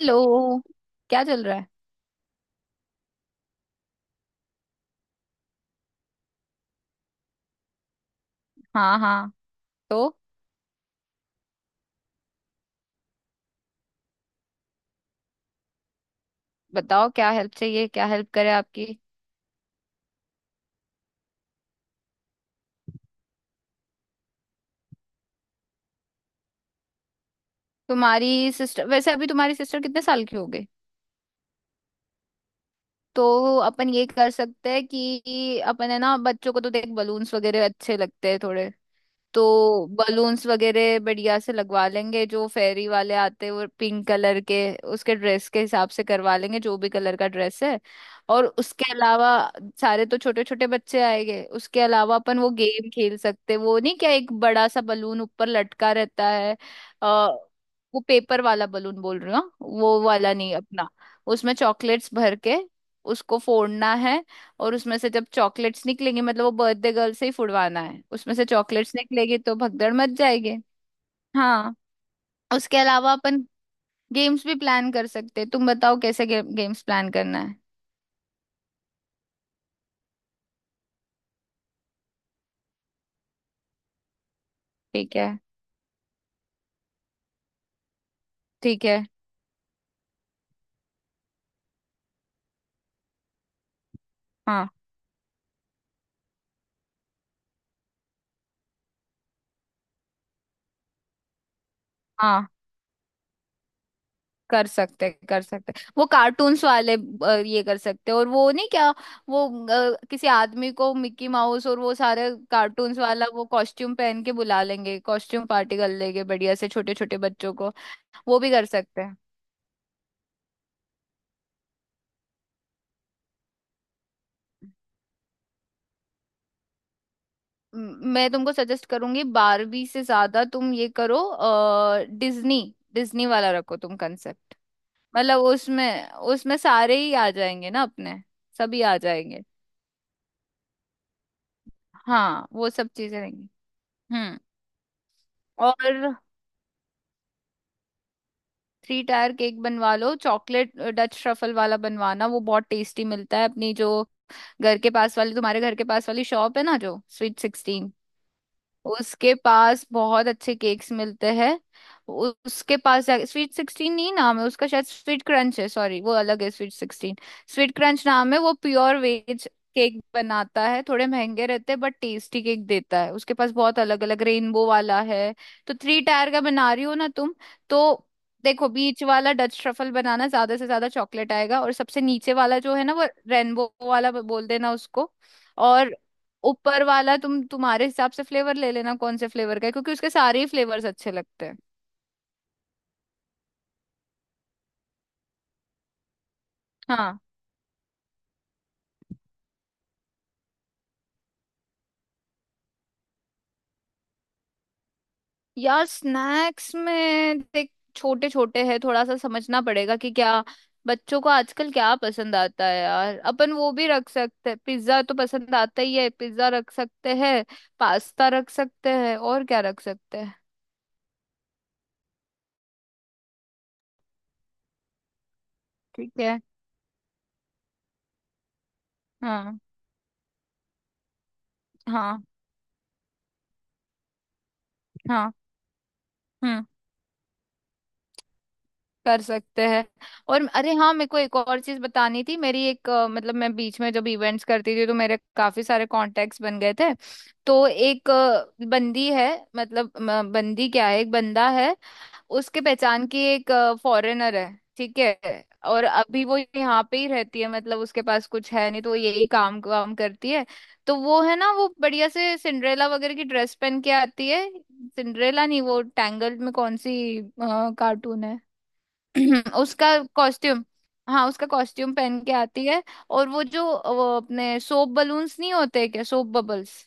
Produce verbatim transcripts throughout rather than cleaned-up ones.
Hello. क्या चल रहा है? हाँ हाँ। तो बताओ क्या हेल्प चाहिए, क्या हेल्प करे आपकी। तुम्हारी सिस्टर वैसे, अभी तुम्हारी सिस्टर कितने साल की हो गई? तो अपन ये कर सकते हैं कि अपन, है ना, बच्चों को तो देख बलून्स वगैरह अच्छे लगते हैं थोड़े। तो बलून्स वगैरह बढ़िया से लगवा लेंगे। जो फेरी वाले आते हैं वो पिंक कलर के, उसके ड्रेस के हिसाब से करवा लेंगे जो भी कलर का ड्रेस है। और उसके अलावा सारे तो छोटे छोटे बच्चे आएंगे। उसके अलावा अपन वो गेम खेल सकते हैं। वो नहीं क्या, एक बड़ा सा बलून ऊपर लटका रहता है? आ, वो पेपर वाला बलून बोल रही हूँ, हाँ? वो वाला नहीं अपना, उसमें चॉकलेट्स भर के उसको फोड़ना है। और उसमें से जब चॉकलेट्स निकलेंगे, मतलब वो बर्थडे गर्ल से ही फुड़वाना है, उसमें से चॉकलेट्स निकलेगी तो भगदड़ मच जाएगी। हाँ। उसके अलावा अपन गेम्स भी प्लान कर सकते हैं। तुम बताओ कैसे गे, गेम्स प्लान करना है। ठीक है, ठीक है। हाँ हाँ। कर सकते कर सकते वो कार्टून्स वाले, अ, ये कर सकते। और वो नहीं क्या? वो अ, किसी आदमी को मिक्की माउस और वो सारे कार्टून्स वाला वो कॉस्ट्यूम पहन के बुला लेंगे। कॉस्ट्यूम पार्टी कर लेंगे बढ़िया से छोटे छोटे बच्चों को। वो भी कर सकते हैं। म- मैं तुमको सजेस्ट करूंगी, बारबी से ज्यादा तुम ये करो, डिज्नी। डिज्नी वाला रखो तुम कंसेप्ट। मतलब उसमें उसमें सारे ही आ जाएंगे ना अपने। सभी आ जाएंगे। हाँ, वो सब चीजें रहेंगी। हम्म। और थ्री टायर केक बनवा लो, चॉकलेट डच ट्रफल वाला बनवाना, वो बहुत टेस्टी मिलता है अपनी जो घर के पास वाली, तुम्हारे घर के पास वाली शॉप है ना, जो स्वीट सिक्सटीन। उसके पास बहुत अच्छे केक्स मिलते हैं। उ- उसके पास स्वीट सिक्सटीन नहीं, नाम है उसका शायद स्वीट क्रंच है, सॉरी वो अलग है स्वीट सिक्सटीन। स्वीट क्रंच नाम है। वो प्योर वेज केक बनाता है, थोड़े महंगे रहते हैं बट टेस्टी केक देता है। उसके पास बहुत अलग अलग, रेनबो वाला है। तो थ्री टायर का बना रही हो ना तुम? तो देखो बीच वाला डच ट्रफल बनाना, ज्यादा से ज्यादा चॉकलेट आएगा। और सबसे नीचे वाला जो है ना, वो रेनबो वाला ब- बोल देना उसको। और ऊपर वाला तुम तुम्हारे हिसाब से फ्लेवर ले लेना, कौन से फ्लेवर का है क्योंकि उसके सारे ही फ्लेवर्स अच्छे लगते हैं। हाँ यार, स्नैक्स में देख, छोटे छोटे हैं, थोड़ा सा समझना पड़ेगा कि क्या बच्चों को आजकल क्या पसंद आता है यार। अपन वो भी रख सकते हैं, पिज्जा तो पसंद आता ही है, पिज्जा रख सकते हैं, पास्ता रख सकते हैं, और क्या रख सकते हैं? ठीक है। हाँ हाँ हाँ। हम्म। कर सकते हैं। और अरे हाँ, मेरे को एक और चीज बतानी थी। मेरी एक अ, मतलब मैं बीच में जब इवेंट्स करती थी तो मेरे काफी सारे कॉन्टेक्ट्स बन गए थे। तो एक अ, बंदी है, मतलब म, बंदी क्या है, एक बंदा है। उसके पहचान की एक फॉरेनर है, ठीक है। और अभी वो यहाँ पे ही रहती है, मतलब उसके पास कुछ है नहीं तो वो यही काम काम करती है। तो वो है ना, वो बढ़िया से सिंड्रेला वगैरह की ड्रेस पहन के आती है। सिंड्रेला नहीं, वो टैंगल्ड में कौन सी कार्टून है। उसका कॉस्ट्यूम। हाँ, उसका कॉस्ट्यूम पहन के आती है। और वो जो, वो अपने सोप बलून्स नहीं होते क्या, सोप बबल्स,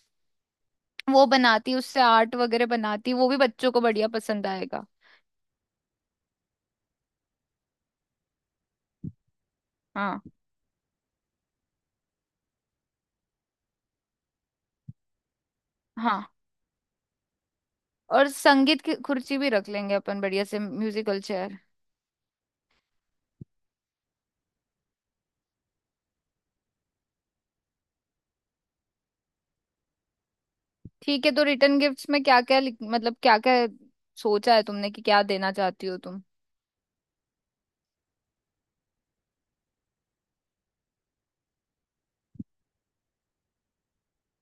वो बनाती उससे आर्ट वगैरह बनाती, वो भी बच्चों को बढ़िया पसंद आएगा। हाँ हाँ। और संगीत की कुर्सी भी रख लेंगे अपन बढ़िया से, म्यूजिकल चेयर। ठीक है। तो रिटर्न गिफ्ट्स में क्या क्या, मतलब क्या क्या सोचा है तुमने कि क्या देना चाहती हो तुम?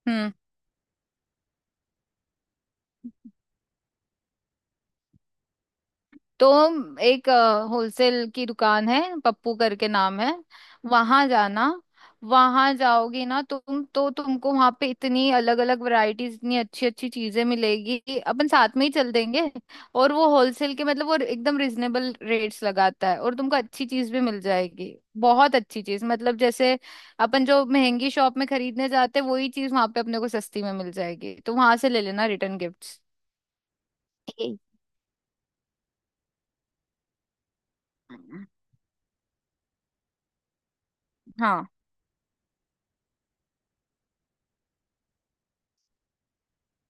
हम्म। तो एक होलसेल की दुकान है, पप्पू करके नाम है। वहां जाना, वहां जाओगी ना तुम तो तुमको वहां पे इतनी अलग अलग वैरायटीज, इतनी अच्छी अच्छी चीजें मिलेगी। अपन साथ में ही चल देंगे। और वो होलसेल के, मतलब वो एकदम रिजनेबल रेट्स लगाता है, और तुमको अच्छी चीज भी मिल जाएगी। बहुत अच्छी चीज, मतलब जैसे अपन जो महंगी शॉप में खरीदने जाते हैं वही चीज वहां पे अपने को सस्ती में मिल जाएगी। तो वहां से ले लेना रिटर्न गिफ्ट्स। ठीक। हाँ,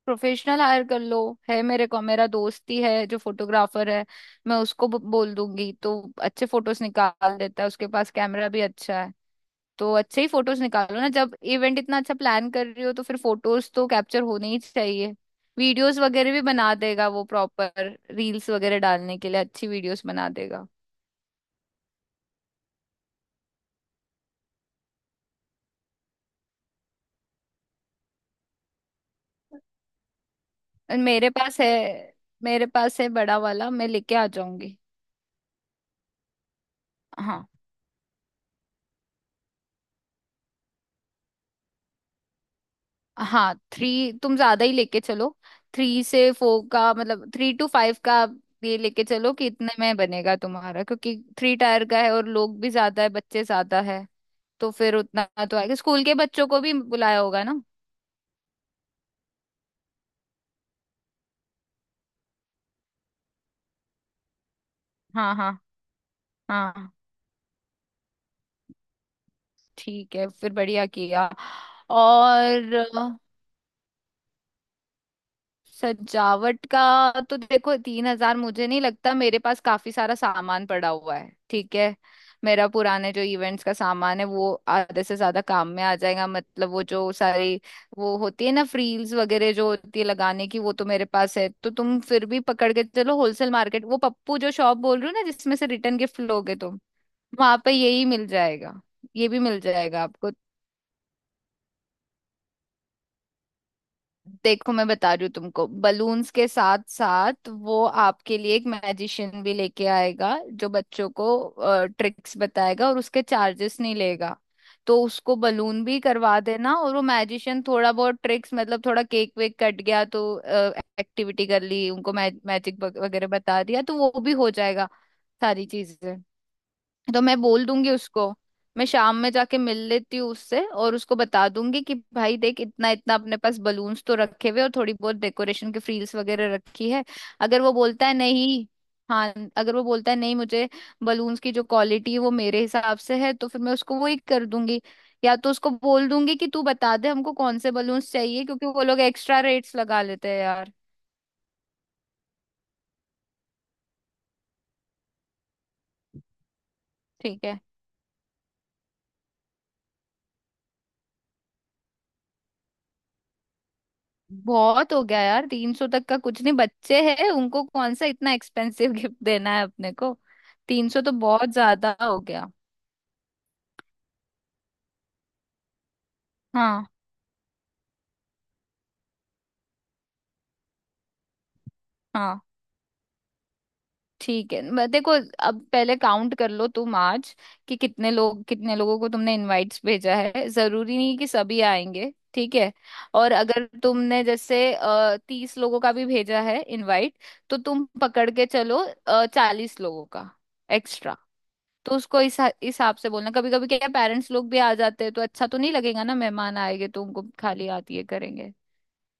प्रोफेशनल हायर कर लो। है मेरे को, मेरा दोस्त ही है जो फोटोग्राफर है। मैं उसको ब- बोल दूंगी, तो अच्छे फोटोज निकाल देता है। उसके पास कैमरा भी अच्छा है। तो अच्छे ही फोटोज निकालो ना, जब इवेंट इतना अच्छा प्लान कर रही हो तो फिर फोटोज तो कैप्चर होने ही चाहिए। वीडियोस वगैरह भी बना देगा वो, प्रॉपर रील्स वगैरह डालने के लिए अच्छी वीडियोस बना देगा। और मेरे पास है मेरे पास है, बड़ा वाला, मैं लेके आ जाऊंगी। हाँ हाँ। थ्री तुम ज्यादा ही लेके चलो। थ्री से फोर का, मतलब थ्री टू फाइव का आप ये लेके चलो कि इतने में बनेगा तुम्हारा, क्योंकि थ्री टायर का है और लोग भी ज्यादा है, बच्चे ज्यादा है। तो फिर उतना तो आएगा। स्कूल के बच्चों को भी बुलाया होगा ना? हाँ हाँ हाँ। ठीक है, फिर बढ़िया किया। और सजावट का तो देखो, तीन हजार मुझे नहीं लगता, मेरे पास काफी सारा सामान पड़ा हुआ है, ठीक है। मेरा पुराने जो इवेंट्स का सामान है वो आधे से ज्यादा काम में आ जाएगा। मतलब वो जो सारी, वो होती है ना फ्रील्स वगैरह जो होती है लगाने की, वो तो मेरे पास है। तो तुम फिर भी पकड़ के चलो होलसेल मार्केट, वो पप्पू जो शॉप बोल रही हो ना जिसमें से रिटर्न गिफ्ट लोगे तुम, वहां पे यही मिल जाएगा। ये भी मिल जाएगा आपको। देखो मैं बता रही हूँ तुमको, बलून्स के साथ साथ वो आपके लिए एक मैजिशियन भी लेके आएगा, जो बच्चों को ट्रिक्स बताएगा और उसके चार्जेस नहीं लेगा। तो उसको बलून भी करवा देना, और वो मैजिशियन थोड़ा बहुत ट्रिक्स, मतलब थोड़ा केक वेक कट गया तो एक्टिविटी कर ली, उनको मैजिक वगैरह बता दिया तो वो भी हो जाएगा, सारी चीजें। तो मैं बोल दूंगी उसको। मैं शाम में जाके मिल लेती हूँ उससे और उसको बता दूंगी कि भाई देख, इतना इतना अपने पास बलून्स तो रखे हुए, और थोड़ी बहुत डेकोरेशन की फ्रील्स वगैरह रखी है। अगर वो बोलता है नहीं, हाँ अगर वो बोलता है नहीं मुझे, बलून्स की जो क्वालिटी है वो मेरे हिसाब से है, तो फिर मैं उसको वही कर दूंगी। या तो उसको बोल दूंगी कि तू बता दे हमको कौन से बलून्स चाहिए, क्योंकि वो लोग एक्स्ट्रा रेट्स लगा लेते हैं यार। ठीक है। बहुत हो गया यार, तीन सौ तक का कुछ नहीं, बच्चे हैं उनको कौन सा इतना एक्सपेंसिव गिफ्ट देना है अपने को। तीन सौ तो बहुत ज्यादा हो गया। हाँ हाँ। ठीक है, मैं- देखो। अब पहले काउंट कर लो तुम आज कि कितने लोग, कितने लोगों को तुमने इनवाइट्स भेजा है। जरूरी नहीं कि सभी आएंगे, ठीक है। और अगर तुमने जैसे तीस लोगों का भी भेजा है इनवाइट, तो तुम पकड़ के चलो चालीस लोगों का एक्स्ट्रा। तो उसको इस इस हिसाब से बोलना, कभी कभी क्या पेरेंट्स लोग भी आ जाते हैं तो अच्छा तो नहीं लगेगा ना, मेहमान आएंगे तो उनको खाली हाथ ये करेंगे।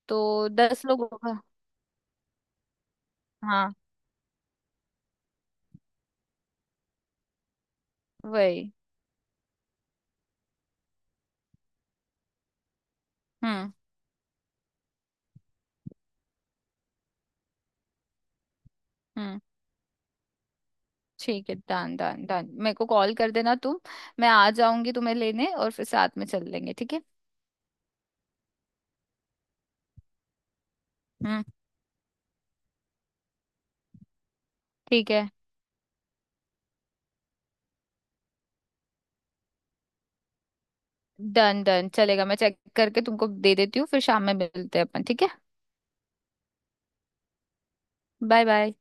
तो दस लोग होगा। हाँ वही। हम्म हम्म। ठीक है, डन डन डन, मेरे को कॉल कर देना तुम। मैं आ जाऊंगी तुम्हें लेने और फिर साथ में चल लेंगे, ठीक है। हम्म। ठीक है, डन डन चलेगा, मैं चेक करके तुमको दे देती हूँ, फिर शाम में मिलते हैं अपन, ठीक है। Bye bye.